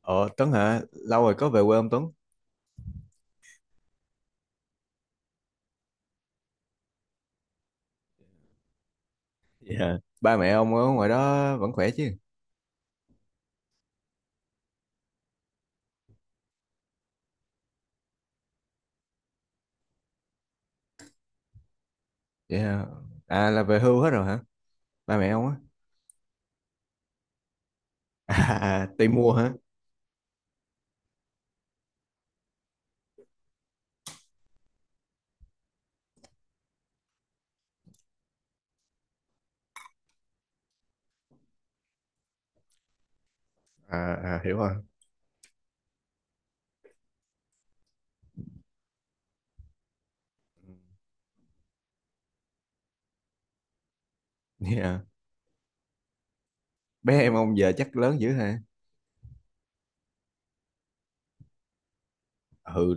Ờ Tuấn hả? Lâu rồi có về quê không, Tuấn? Dạ. Ba mẹ ông ở ngoài đó vẫn khỏe chứ? Dạ. À, là về hưu hết rồi hả? Ba mẹ ông á? À, tìm mua hả? à, à, hiểu rồi. Dạ. Bé em ông giờ chắc lớn dữ hả? Ừ,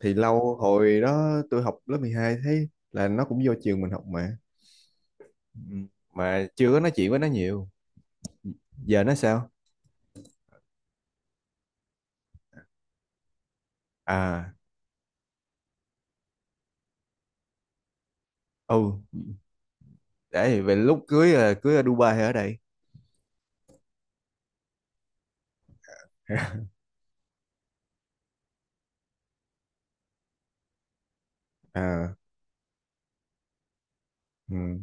thì lâu, hồi đó tôi học lớp 12, thấy là nó cũng vô trường mình học mà. Ừ. Mà chưa có nói chuyện với nó nhiều. Giờ nó sao? À, ừ. Để về lúc cưới là cưới ở Dubai hay ở đây? À, ừ.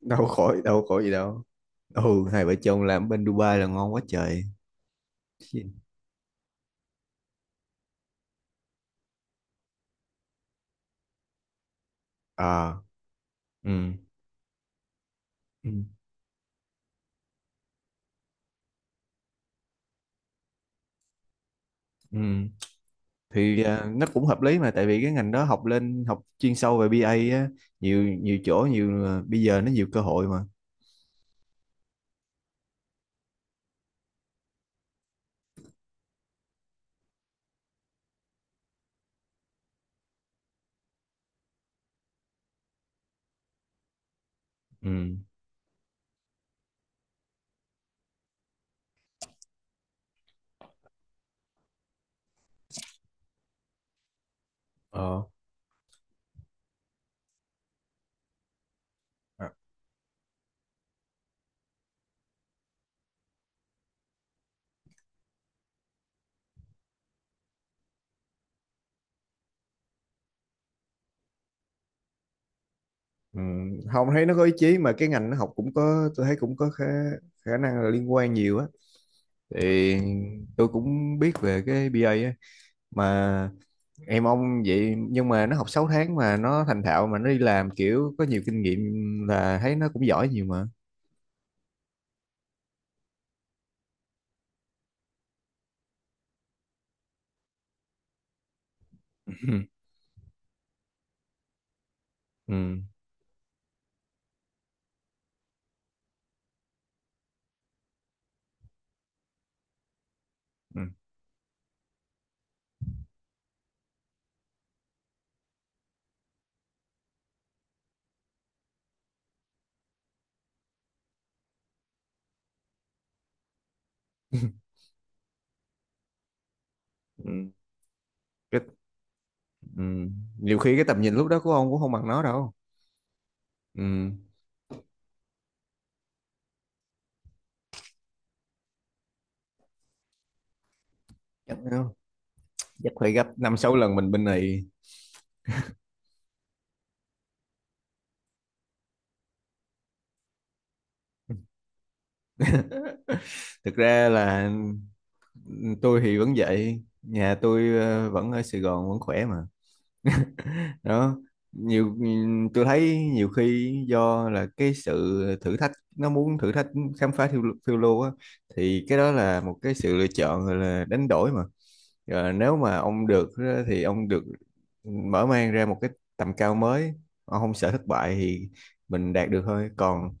Đâu khỏi, đâu khỏi gì đâu. Ừ, hai vợ chồng làm bên Dubai là ngon quá trời. À, ừ, ừ, ừ. Thì nó cũng hợp lý, mà tại vì cái ngành đó học lên học chuyên sâu về bê A á. Nhiều, nhiều chỗ, nhiều bây giờ nó nhiều cơ hội mà. Ừ. Ờ. À, ừ. Không, thấy nó có ý chí, mà cái ngành nó học cũng có, tôi thấy cũng có khả năng là liên quan nhiều á. Thì tôi cũng biết về cái bê A á, mà em ông vậy, nhưng mà nó học 6 tháng mà nó thành thạo, mà nó đi làm kiểu có nhiều kinh nghiệm, là thấy nó cũng giỏi nhiều mà. Ừ. Ừ. Ừ. cái ừ. Nhiều khi cái tầm nhìn lúc đó của ông cũng không bằng nó đâu. Ừ, chắc ừ, chắc phải gấp 5-6 lần mình bên này. Thực ra là tôi thì vẫn vậy, nhà tôi vẫn ở Sài Gòn, vẫn khỏe mà. Đó. nhiều tôi thấy nhiều khi do là cái sự thử thách, nó muốn thử thách, khám phá, phiêu lưu á. Thì cái đó là một cái sự lựa chọn gọi là đánh đổi mà. Rồi nếu mà ông được á, thì ông được mở mang ra một cái tầm cao mới. Ông không sợ thất bại thì mình đạt được thôi. Còn,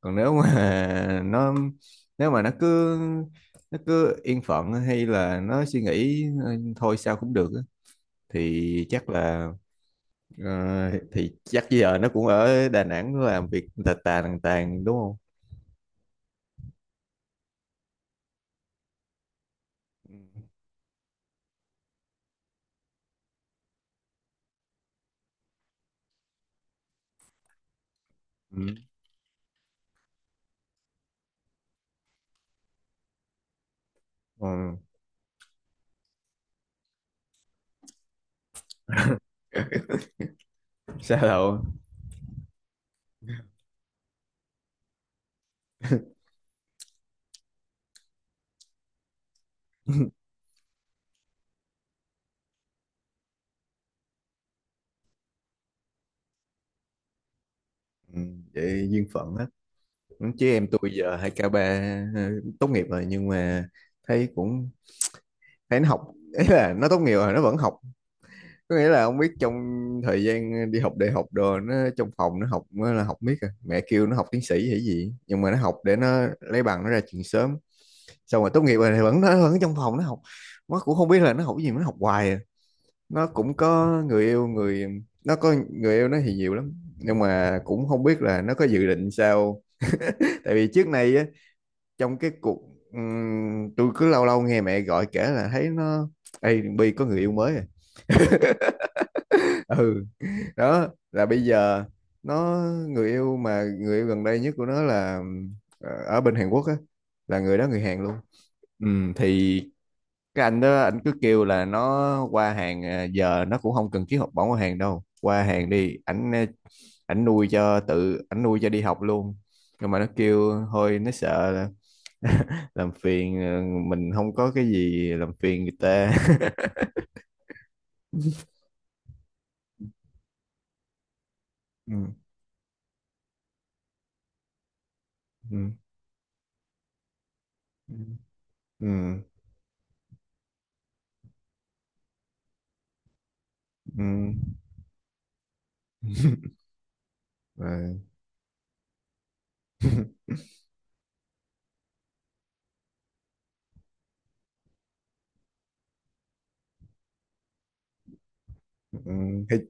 còn nếu mà nó nếu mà nó cứ yên phận, hay là nó suy nghĩ "Ừ, thôi sao cũng được á," thì chắc là. Ờ, thì chắc giờ nó cũng ở Đà Nẵng, nó làm việc tà tà tàn tàn đúng không? Ừ. Ừ. Sao đâu? Ừ, vậy duyên phận á. Ừ, chứ em tôi giờ 2 k ba ờ, tốt nghiệp rồi, nhưng mà thấy cũng, nó học, ấy là nó tốt nghiệp rồi nó vẫn học, có nghĩa là ông biết, trong thời gian đi học đại học đồ, nó trong phòng nó học, nó là học miết à. Mẹ kêu nó học tiến sĩ hay gì, nhưng mà nó học để nó lấy bằng nó ra trường sớm, xong rồi tốt nghiệp rồi thì nó vẫn trong phòng nó học. Nó cũng không biết là nó học cái gì mà nó học hoài à. Nó cũng có người yêu người nó có người yêu, nó thì nhiều lắm, nhưng mà cũng không biết là nó có dự định sao. Tại vì trước này á, trong cái cuộc tôi cứ lâu lâu nghe mẹ gọi kể là thấy nó, Ê Bi có người yêu mới à. Ừ, đó là bây giờ nó người yêu gần đây nhất của nó là ở bên Hàn Quốc á, là người đó người Hàn luôn. Ừ, thì cái anh đó, anh cứ kêu là nó qua Hàn à, giờ nó cũng không cần ký học bổng ở Hàn đâu, qua Hàn đi, ảnh ờ, ảnh nuôi cho, tự ảnh nuôi cho đi học luôn. Nhưng mà nó kêu thôi, nó sợ là làm phiền mình, không có cái gì làm phiền người ta. Ừ, ừ, ừ, ừ. Ừ. Rồi, ừ. Thấy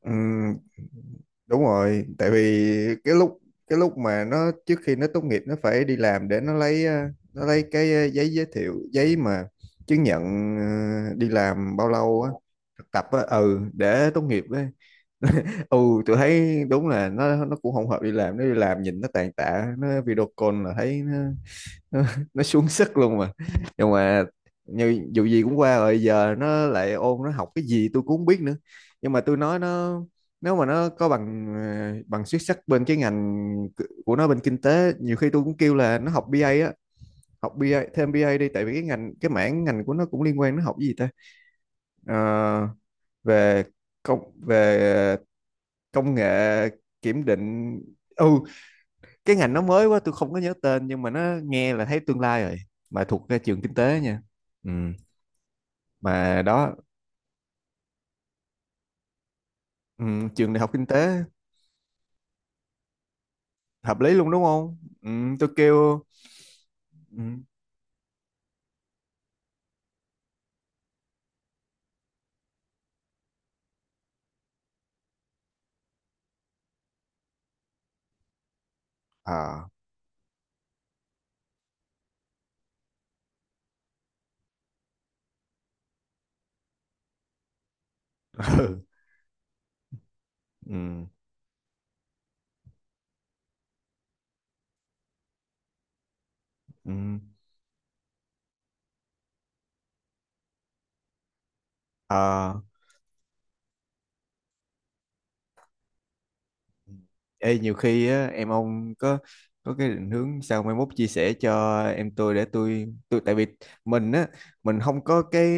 Ừm, Đúng rồi, tại vì cái lúc cái lúc mà nó, trước khi nó tốt nghiệp nó phải đi làm để nó lấy cái giấy giới thiệu, giấy mà chứng nhận đi làm bao lâu á. Thực tập á, ừ, để tốt nghiệp á. Ừ. Tôi thấy đúng là nó cũng không hợp đi làm, nó đi làm nhìn nó tàn tạ, nó video call là thấy nó nó nó xuống sức luôn mà. Nhưng mà như dù gì cũng qua rồi, giờ nó lại ôn, nó học cái gì tôi cũng không biết nữa. Nhưng mà tôi nói nó, nếu mà nó có bằng bằng xuất sắc bên cái ngành của nó, bên kinh tế, nhiều khi tôi cũng kêu là nó học BA á, học BA thêm BA đi, tại vì cái mảng ngành của nó cũng liên quan, nó học cái gì ta. Ờ, về công về công nghệ, kiểm định. Ừ, cái ngành nó mới quá, tôi không có nhớ tên, nhưng mà nó nghe là thấy tương lai rồi, mà thuộc cái trường kinh tế nha. Ừ. Mà đó. Ừ, trường đại học kinh tế, hợp lý luôn đúng không? Ừ, tôi kêu. Ừ, à. Ừ, ừ, ừ, à. Ê, nhiều khi á, em ông có cái định hướng sao, mai mốt chia sẻ cho em tôi, để tôi tại vì mình á, mình không có cái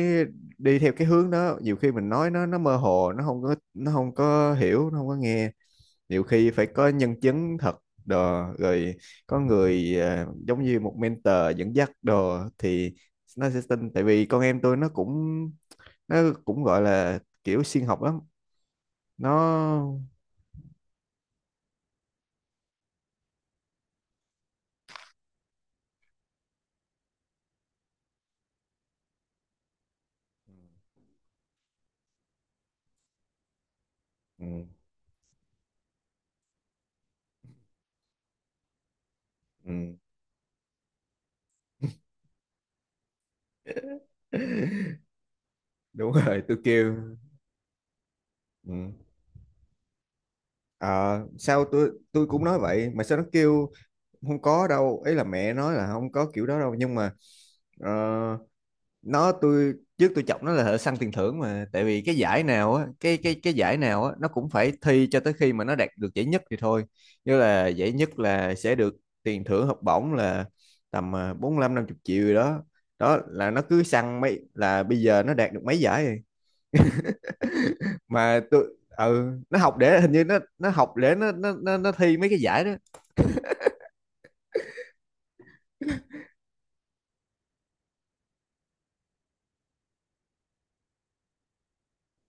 đi theo cái hướng đó, nhiều khi mình nói nó mơ hồ, nó không có hiểu, nó không có nghe. Nhiều khi phải có nhân chứng thật đồ rồi, có người giống như một mentor dẫn dắt đồ, thì nó sẽ tin. Tại vì con em tôi nó cũng, nó gọi là kiểu siêng học lắm. Nó. Ừ, ừ, đúng rồi tôi kêu. Ừ. Ờ, Sao tôi, cũng nói vậy mà sao nó kêu không có đâu, ấy là mẹ nói là không có kiểu đó đâu. Nhưng mà ờ, nó tôi trước chọc nó là thợ săn tiền thưởng, mà tại vì cái giải nào á, cái giải nào á nó cũng phải thi cho tới khi mà nó đạt được giải nhất thì thôi. Như là giải nhất là sẽ được tiền thưởng, học bổng là tầm 45-50 triệu gì đó. Đó là nó cứ săn mấy, là bây giờ nó đạt được mấy giải rồi. Mà tôi ừ, nó học để hình như nó học để nó thi mấy cái giải đó.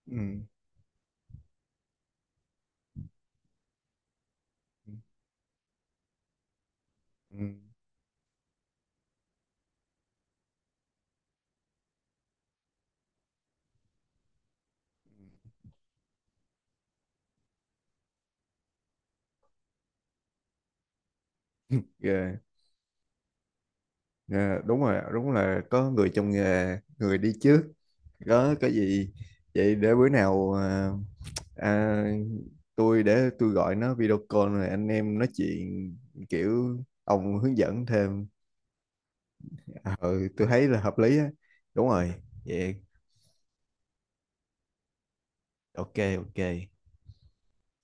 Ừ. Ừ. Ghê. Dạ, đúng rồi, đúng là có người trong nghề, người đi trước. Có gì vậy, để bữa nào à, tôi để tôi gọi nó video call rồi anh em nói chuyện kiểu ông hướng dẫn thêm. Ờ, tôi thấy là hợp lý á. Đúng rồi. Vậy ok ok.